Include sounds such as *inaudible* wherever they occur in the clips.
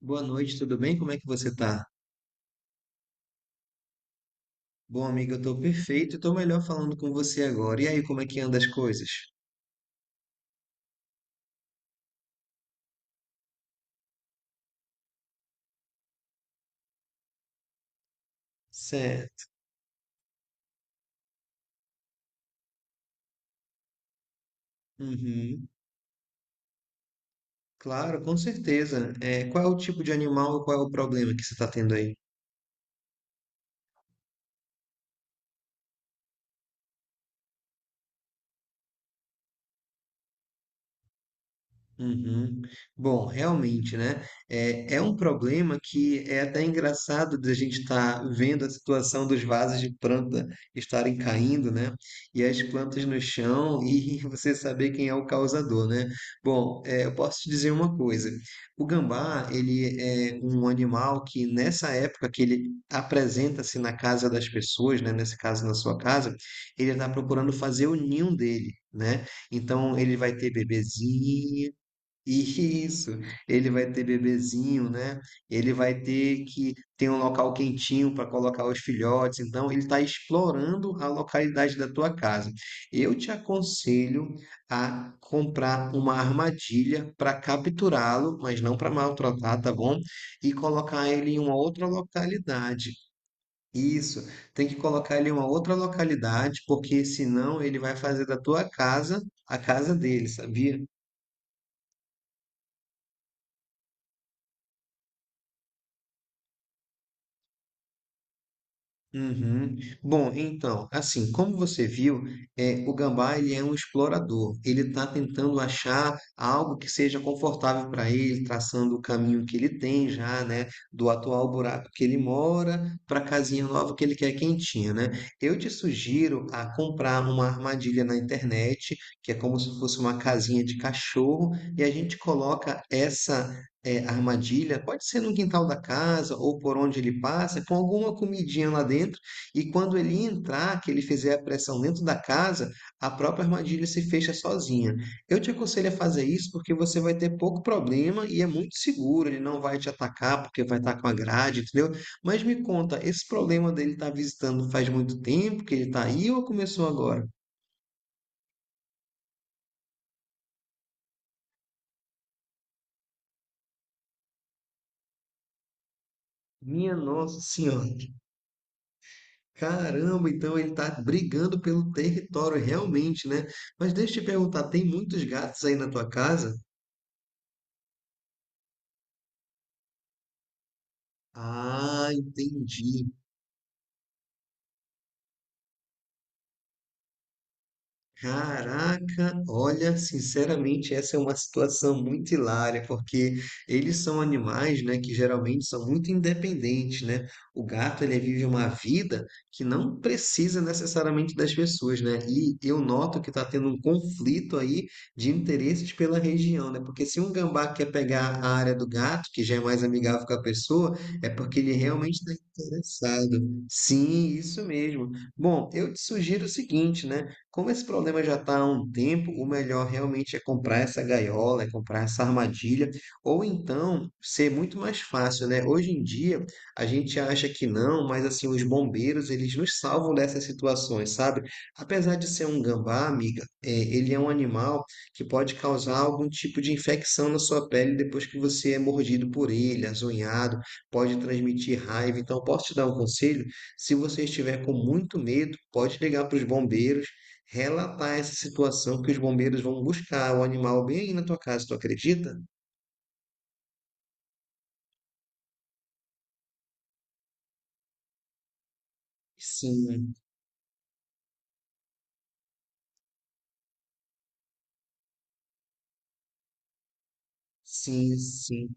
Boa noite, tudo bem? Como é que você tá? Bom, amigo, eu tô perfeito e tô melhor falando com você agora. E aí, como é que anda as coisas? Certo. Uhum. Claro, com certeza. Qual é o tipo de animal e qual é o problema que você tá tendo aí? Uhum. Bom, realmente, né? É um problema que é até engraçado da gente estar vendo a situação dos vasos de planta estarem caindo, né? E as plantas no chão e *laughs* você saber quem é o causador, né? Bom, eu posso te dizer uma coisa. O gambá, ele é um animal que nessa época que ele apresenta-se na casa das pessoas, né? Nesse caso, na sua casa, ele está procurando fazer o ninho dele. Né? Então ele vai ter bebezinho, isso, ele vai ter bebezinho, né? Ele vai ter que ter um local quentinho para colocar os filhotes. Então, ele está explorando a localidade da tua casa. Eu te aconselho a comprar uma armadilha para capturá-lo, mas não para maltratar, tá bom? E colocar ele em uma outra localidade. Isso, tem que colocar ele em uma outra localidade, porque senão ele vai fazer da tua casa a casa dele, sabia? Uhum. Bom, então, assim, como você viu, o gambá ele é um explorador. Ele está tentando achar algo que seja confortável para ele, traçando o caminho que ele tem já, né, do atual buraco que ele mora para a casinha nova que ele quer quentinha, né? Eu te sugiro a comprar uma armadilha na internet, que é como se fosse uma casinha de cachorro, e a gente coloca essa armadilha, pode ser no quintal da casa ou por onde ele passa, com alguma comidinha lá dentro, e quando ele entrar, que ele fizer a pressão dentro da casa, a própria armadilha se fecha sozinha. Eu te aconselho a fazer isso porque você vai ter pouco problema e é muito seguro, ele não vai te atacar porque vai estar com a grade, entendeu? Mas me conta, esse problema dele estar visitando faz muito tempo que ele está aí ou começou agora? Minha Nossa Senhora. Caramba, então ele tá brigando pelo território realmente, né? Mas deixa eu te perguntar, tem muitos gatos aí na tua casa? Ah, entendi. Caraca, olha, sinceramente, essa é uma situação muito hilária, porque eles são animais, né, que geralmente são muito independentes, né? O gato, ele vive uma vida que não precisa necessariamente das pessoas, né? E eu noto que está tendo um conflito aí de interesses pela região, né? Porque se um gambá quer pegar a área do gato, que já é mais amigável com a pessoa, é porque ele realmente está interessado. Sim, isso mesmo. Bom, eu te sugiro o seguinte, né? Como esse problema já está há um tempo, o melhor realmente é comprar essa gaiola, é comprar essa armadilha, ou então ser muito mais fácil, né? Hoje em dia a gente acha que não, mas assim os bombeiros eles nos salvam dessas situações, sabe? Apesar de ser um gambá, amiga, ele é um animal que pode causar algum tipo de infecção na sua pele depois que você é mordido por ele, azonhado, pode transmitir raiva. Então posso te dar um conselho? Se você estiver com muito medo, pode ligar para os bombeiros relatar essa situação que os bombeiros vão buscar o animal bem aí na tua casa, tu acredita? Sim, sim, sim.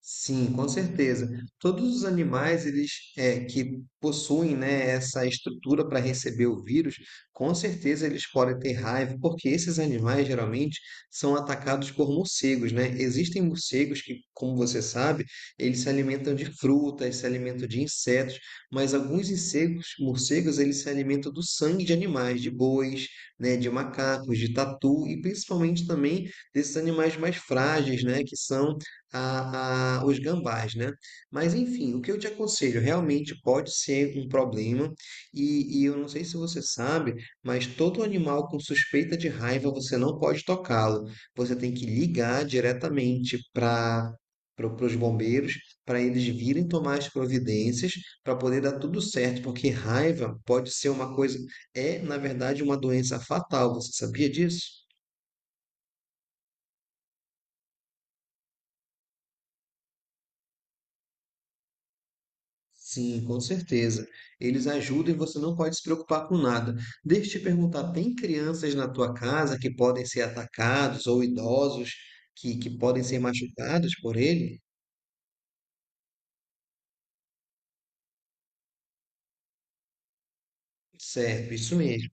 Sim, com certeza. Todos os animais eles que possuem né, essa estrutura para receber o vírus, com certeza eles podem ter raiva, porque esses animais geralmente são atacados por morcegos, né? Existem morcegos que, como você sabe, eles se alimentam de frutas, se alimentam de insetos, mas alguns insetos, morcegos, eles se alimentam do sangue de animais, de bois, né, de macacos, de tatu e principalmente também desses animais mais frágeis, né, que são os gambás, né? Mas enfim, o que eu te aconselho realmente pode ser um problema, e eu não sei se você sabe, mas todo animal com suspeita de raiva você não pode tocá-lo. Você tem que ligar diretamente para os bombeiros, para eles virem tomar as providências, para poder dar tudo certo, porque raiva pode ser uma coisa, é na verdade uma doença fatal. Você sabia disso? Sim, com certeza. Eles ajudam e você não pode se preocupar com nada. Deixa eu te perguntar, tem crianças na tua casa que podem ser atacados ou idosos que podem ser machucados por ele? Certo, isso mesmo.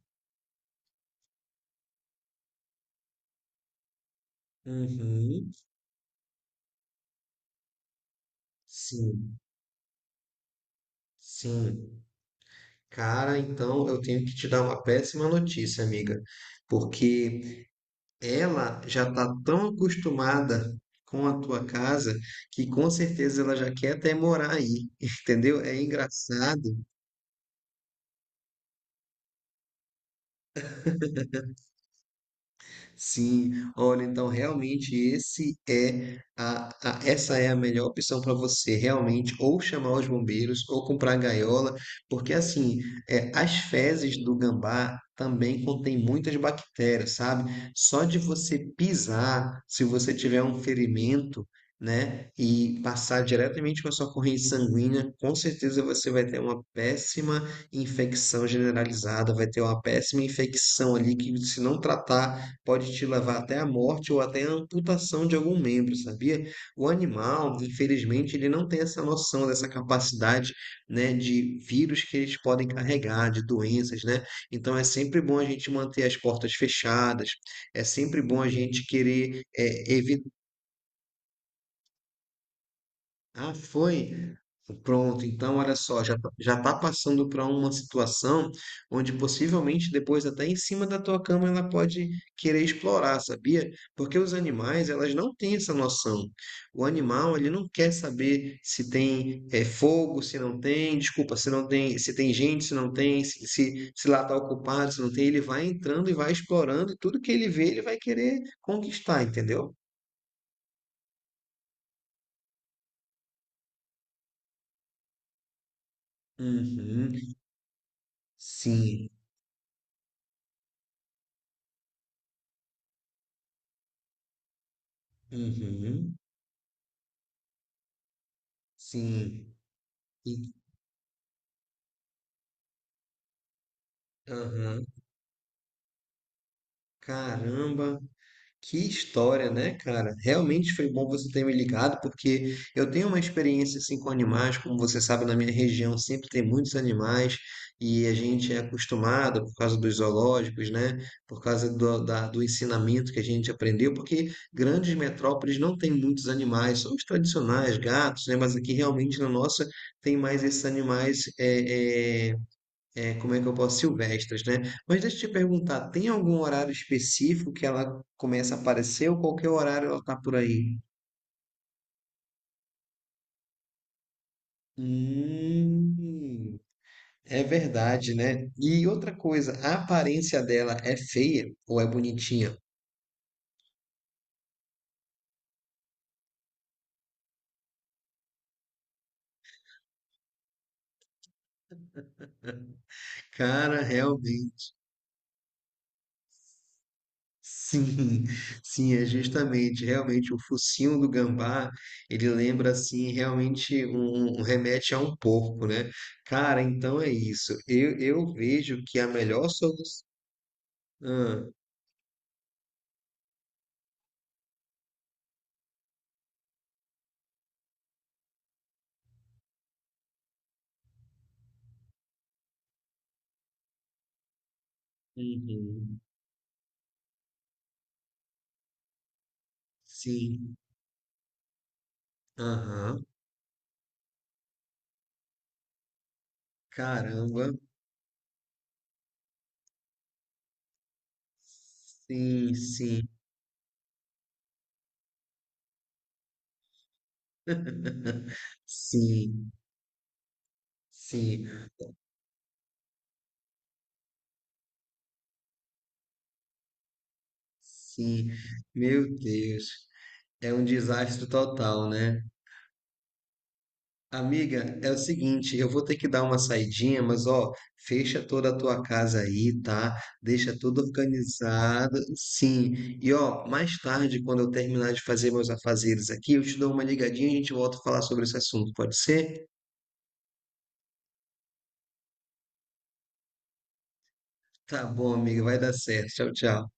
Uhum, sim, sim. Cara, então eu tenho que te dar uma péssima notícia, amiga, porque ela já está tão acostumada com a tua casa que com certeza ela já quer até morar aí, *laughs* entendeu? É engraçado. Sim, olha, então realmente esse é a- essa é a melhor opção para você, realmente, ou chamar os bombeiros, ou comprar gaiola, porque assim, as fezes do gambá também contém muitas bactérias, sabe? Só de você pisar, se você tiver um ferimento, né, e passar diretamente para sua corrente sanguínea, com certeza você vai ter uma péssima infecção generalizada, vai ter uma péssima infecção ali que se não tratar pode te levar até a morte ou até a amputação de algum membro, sabia? O animal, infelizmente, ele não tem essa noção dessa capacidade, né, de vírus que eles podem carregar, de doenças, né? Então é sempre bom a gente manter as portas fechadas, é sempre bom a gente querer evitar. Ah, foi? Pronto, então olha só, já tá passando para uma situação onde possivelmente depois até em cima da tua cama ela pode querer explorar, sabia? Porque os animais, elas não têm essa noção. O animal, ele não quer saber se tem fogo, se não tem, desculpa, se não tem, se tem gente, se não tem, se lá tá ocupado, se não tem, ele vai entrando e vai explorando e tudo que ele vê, ele vai querer conquistar, entendeu? Uhum, sim. Uhum. Sim. E, aham. Caramba, que história, né, cara? Realmente foi bom você ter me ligado, porque eu tenho uma experiência assim com animais, como você sabe, na minha região sempre tem muitos animais e a gente é acostumado por causa dos zoológicos, né? Por causa do ensinamento que a gente aprendeu, porque grandes metrópoles não tem muitos animais, são os tradicionais, gatos, né? Mas aqui realmente na nossa tem mais esses animais como é que eu posso? Silvestres, né? Mas deixa eu te perguntar, tem algum horário específico que ela começa a aparecer ou qualquer horário ela tá por aí? Hum, é verdade, né? E outra coisa, a aparência dela é feia ou é bonitinha? Cara, realmente. Sim, *laughs* sim, é justamente, realmente o focinho do gambá, ele lembra assim, realmente um, um remete a um porco, né? Cara, então é isso. Eu vejo que a melhor solução. Ah, uhum. Sim. Aham. Caramba. Sim, sim. *laughs* Sim, sim, sim. Meu Deus. É um desastre total, né? Amiga, é o seguinte, eu vou ter que dar uma saidinha, mas ó, fecha toda a tua casa aí, tá? Deixa tudo organizado. Sim. E ó, mais tarde, quando eu terminar de fazer meus afazeres aqui, eu te dou uma ligadinha e a gente volta a falar sobre esse assunto, pode ser? Tá bom, amiga, vai dar certo. Tchau, tchau.